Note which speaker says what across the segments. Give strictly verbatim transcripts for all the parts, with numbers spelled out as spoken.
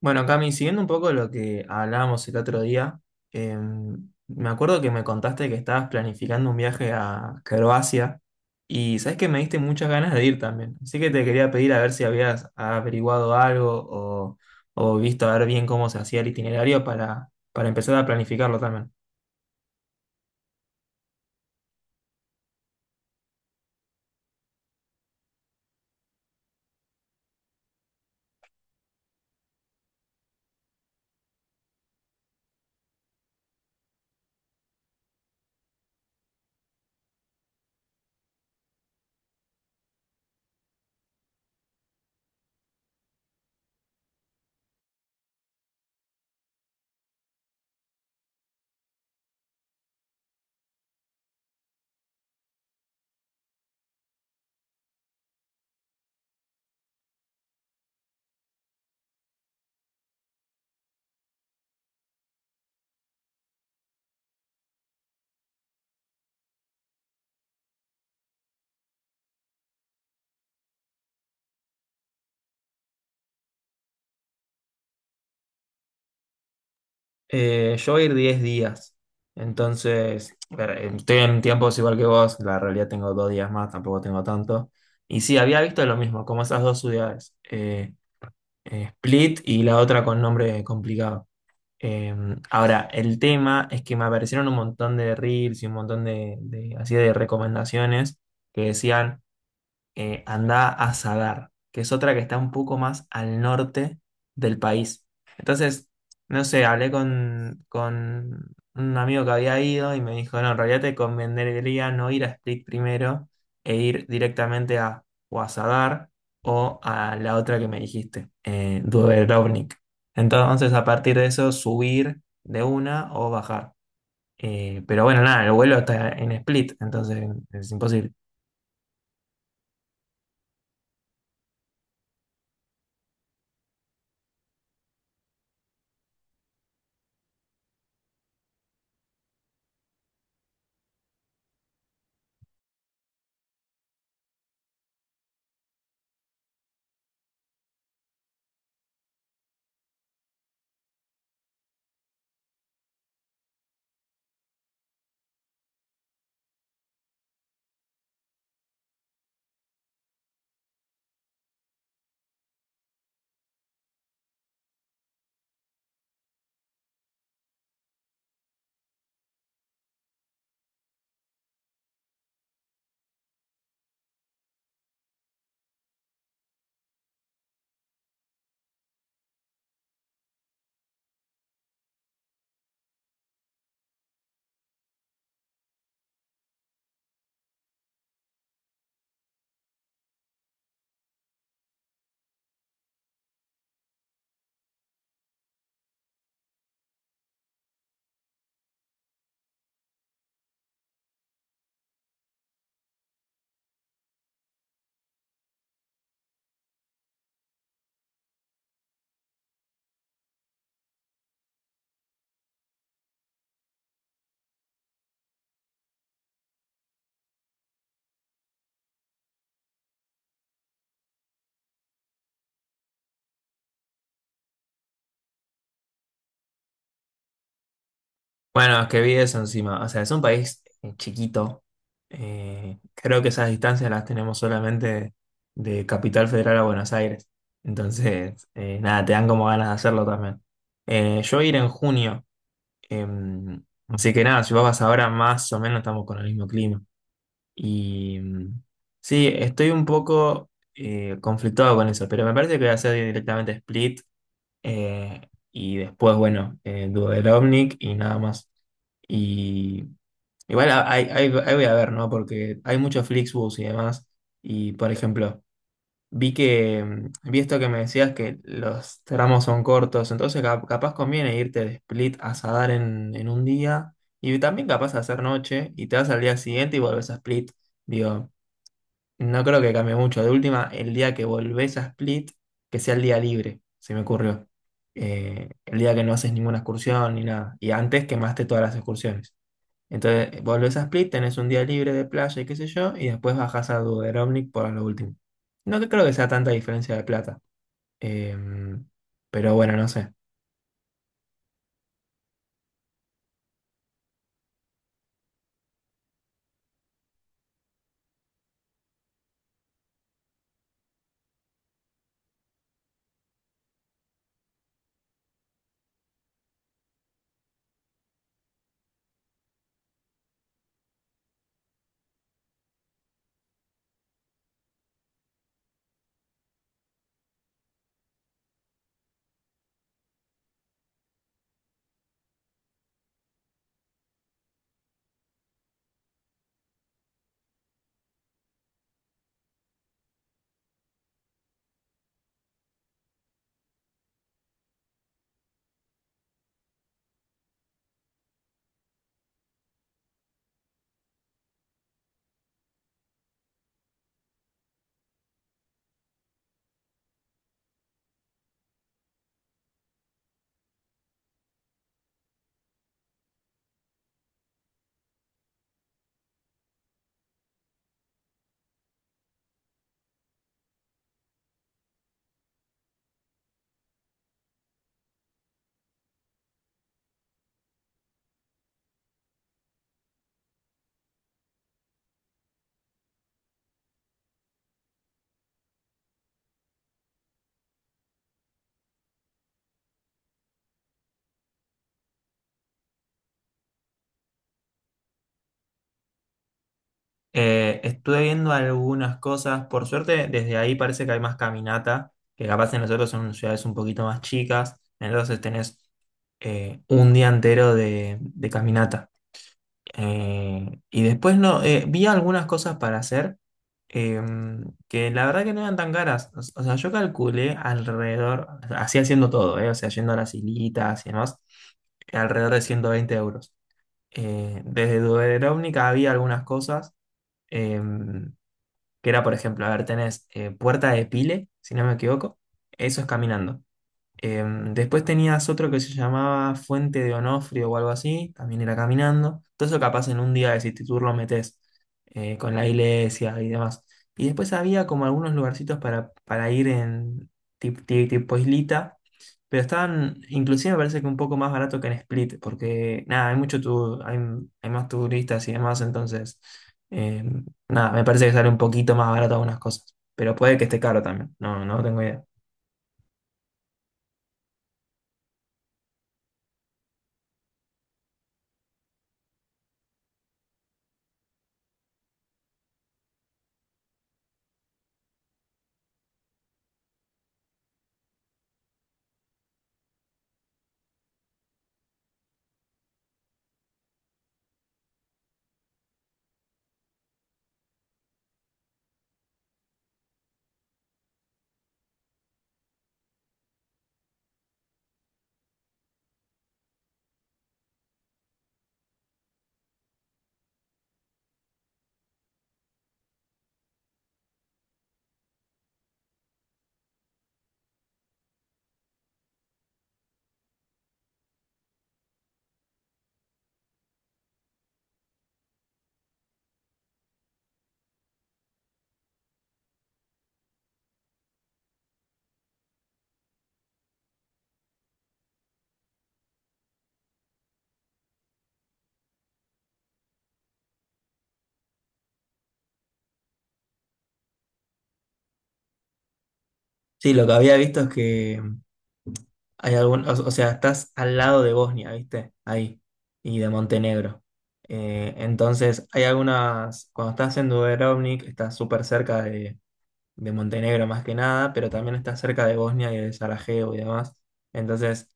Speaker 1: Bueno, Cami, siguiendo un poco lo que hablábamos el otro día, eh, me acuerdo que me contaste que estabas planificando un viaje a Croacia y sabes que me diste muchas ganas de ir también. Así que te quería pedir a ver si habías averiguado algo o, o visto a ver bien cómo se hacía el itinerario para, para empezar a planificarlo también. Eh, yo voy a ir diez días, entonces a ver, em, estoy en tiempos igual que vos, la realidad tengo dos días más, tampoco tengo tanto. Y sí, había visto lo mismo, como esas dos ciudades. Eh, eh, Split y la otra con nombre complicado. Eh, Ahora, el tema es que me aparecieron un montón de reels y un montón de, de- así de recomendaciones que decían eh, anda a Sadar, que es otra que está un poco más al norte del país. Entonces, no sé, hablé con, con un amigo que había ido y me dijo, no, en realidad te convendría no ir a Split primero e ir directamente a o a Sadar o a la otra que me dijiste, eh, Dubrovnik. Entonces, a partir de eso, subir de una o bajar. Eh, pero bueno, nada, el vuelo está en Split, entonces es imposible. Bueno, es que vi eso encima. O sea, es un país eh, chiquito. Eh, creo que esas distancias las tenemos solamente de Capital Federal a Buenos Aires. Entonces, eh, nada, te dan como ganas de hacerlo también. Eh, yo voy a ir en junio. eh, Así que nada, si vos vas ahora, más o menos estamos con el mismo clima. Y mm, sí, estoy un poco eh, conflictuado con eso, pero me parece que voy a hacer directamente Split eh, y después, bueno, eh, Duderovnik y nada más. Y igual ahí, ahí- ahí voy a ver, ¿no? Porque hay muchos Flixbus y demás. Y por ejemplo, vi que, mm, vi esto que me decías que los tramos son cortos, entonces cap- capaz conviene irte de Split a Sadar en, en un día. Y también capaz de hacer noche y te vas al día siguiente y vuelves a Split. Digo. No creo que cambie mucho. De última, el día que volvés a Split, que sea el día libre, se me ocurrió. Eh, el día que no haces ninguna excursión ni nada. Y antes quemaste todas las excursiones. Entonces, volvés a Split, tenés un día libre de playa y qué sé yo, y después bajás a Duderovnik por lo último. No creo que sea tanta diferencia de plata. Eh, pero bueno, no sé. Eh, estuve viendo algunas cosas, por suerte desde ahí parece que hay más caminata, que capaz en nosotros son ciudades un poquito más chicas, entonces tenés eh, un día entero de, de caminata. Eh, y después no, eh, vi algunas cosas para hacer eh, que la verdad que no eran tan caras. O, o sea, yo calculé alrededor, así haciendo todo, eh, o sea, yendo a las hilitas y demás alrededor de ciento veinte euros. Eh, desde Dubrovnik había algunas cosas. eh, que era, por ejemplo, a ver, tenés eh, Puerta de Pile, si no me equivoco, eso es caminando. Em, después tenías otro que se llamaba Fuente de Onofrio o algo así, también era caminando. Todo eso capaz en un día de City Tour lo metés eh, con la iglesia y demás. Y después había como algunos lugarcitos para, para ir en tip- ti- tipo, islita, pero estaban, inclusive me parece que un poco más barato que en Split, porque nada, hay mucho tu- hay, hay más turistas y demás, entonces em, nada, me parece que sale un poquito más barato algunas cosas. Pero puede que esté caro también, no, no tengo idea. Sí, lo que había visto es que hay algún, o, o sea, estás al lado de Bosnia, ¿viste? Ahí. Y de Montenegro. Eh, entonces, hay algunas. Cuando estás en Dubrovnik, estás súper cerca de, de Montenegro más que nada, pero también estás cerca de Bosnia y de Sarajevo y demás. Entonces,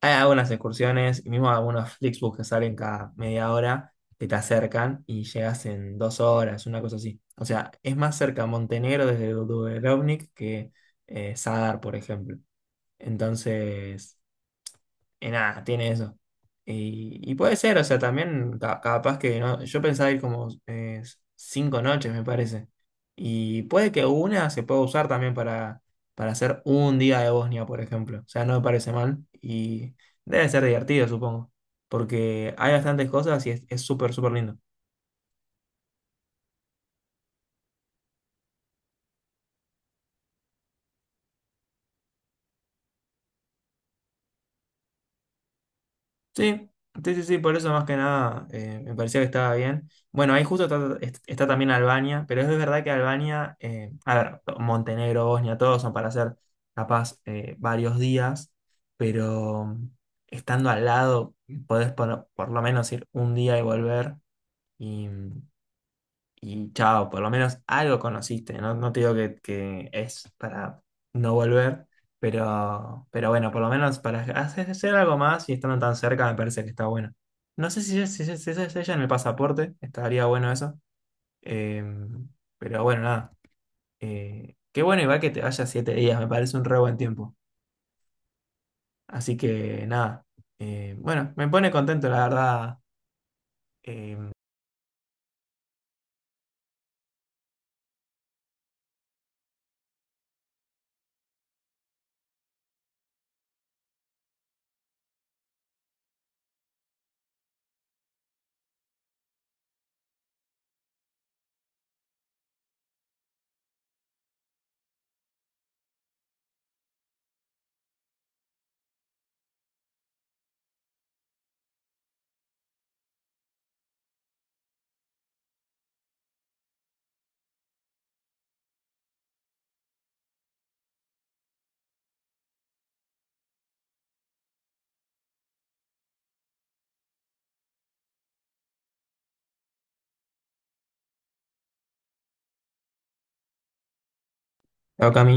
Speaker 1: hay algunas excursiones, y mismo algunos Flixbus que salen cada media hora, que te acercan y llegas en dos horas, una cosa así. O sea, es más cerca Montenegro desde Dubrovnik que eh, Sadar, por ejemplo. Entonces. Y nada, tiene eso. Y, y puede ser, o sea, también ca- capaz que no, yo pensaba ir como eh, cinco noches, me parece. Y puede que una se pueda usar también para, para hacer un día de Bosnia, por ejemplo. O sea, no me parece mal y debe ser divertido, supongo. Porque hay bastantes cosas y es es súper, súper lindo. Sí, sí, sí, sí, por eso más que nada eh, me parecía que estaba bien. Bueno, ahí justo está, está también Albania, pero es verdad que Albania, eh, a ver, Montenegro, Bosnia, todos son para hacer capaz eh, varios días, pero estando al lado podés por, por lo menos ir un día y volver y chao, por lo menos algo conociste, no, no te digo que, que es para no volver, pero, pero bueno, por lo menos para hacer, hacer algo más y estando tan cerca me parece que está bueno. No sé si es, si es- si es ella en el pasaporte, estaría bueno eso, eh, pero bueno, nada, eh, qué bueno igual que te vayas siete días, me parece un re buen tiempo, así que nada, eh, bueno, me pone contento la verdad, eh, chao, Cami.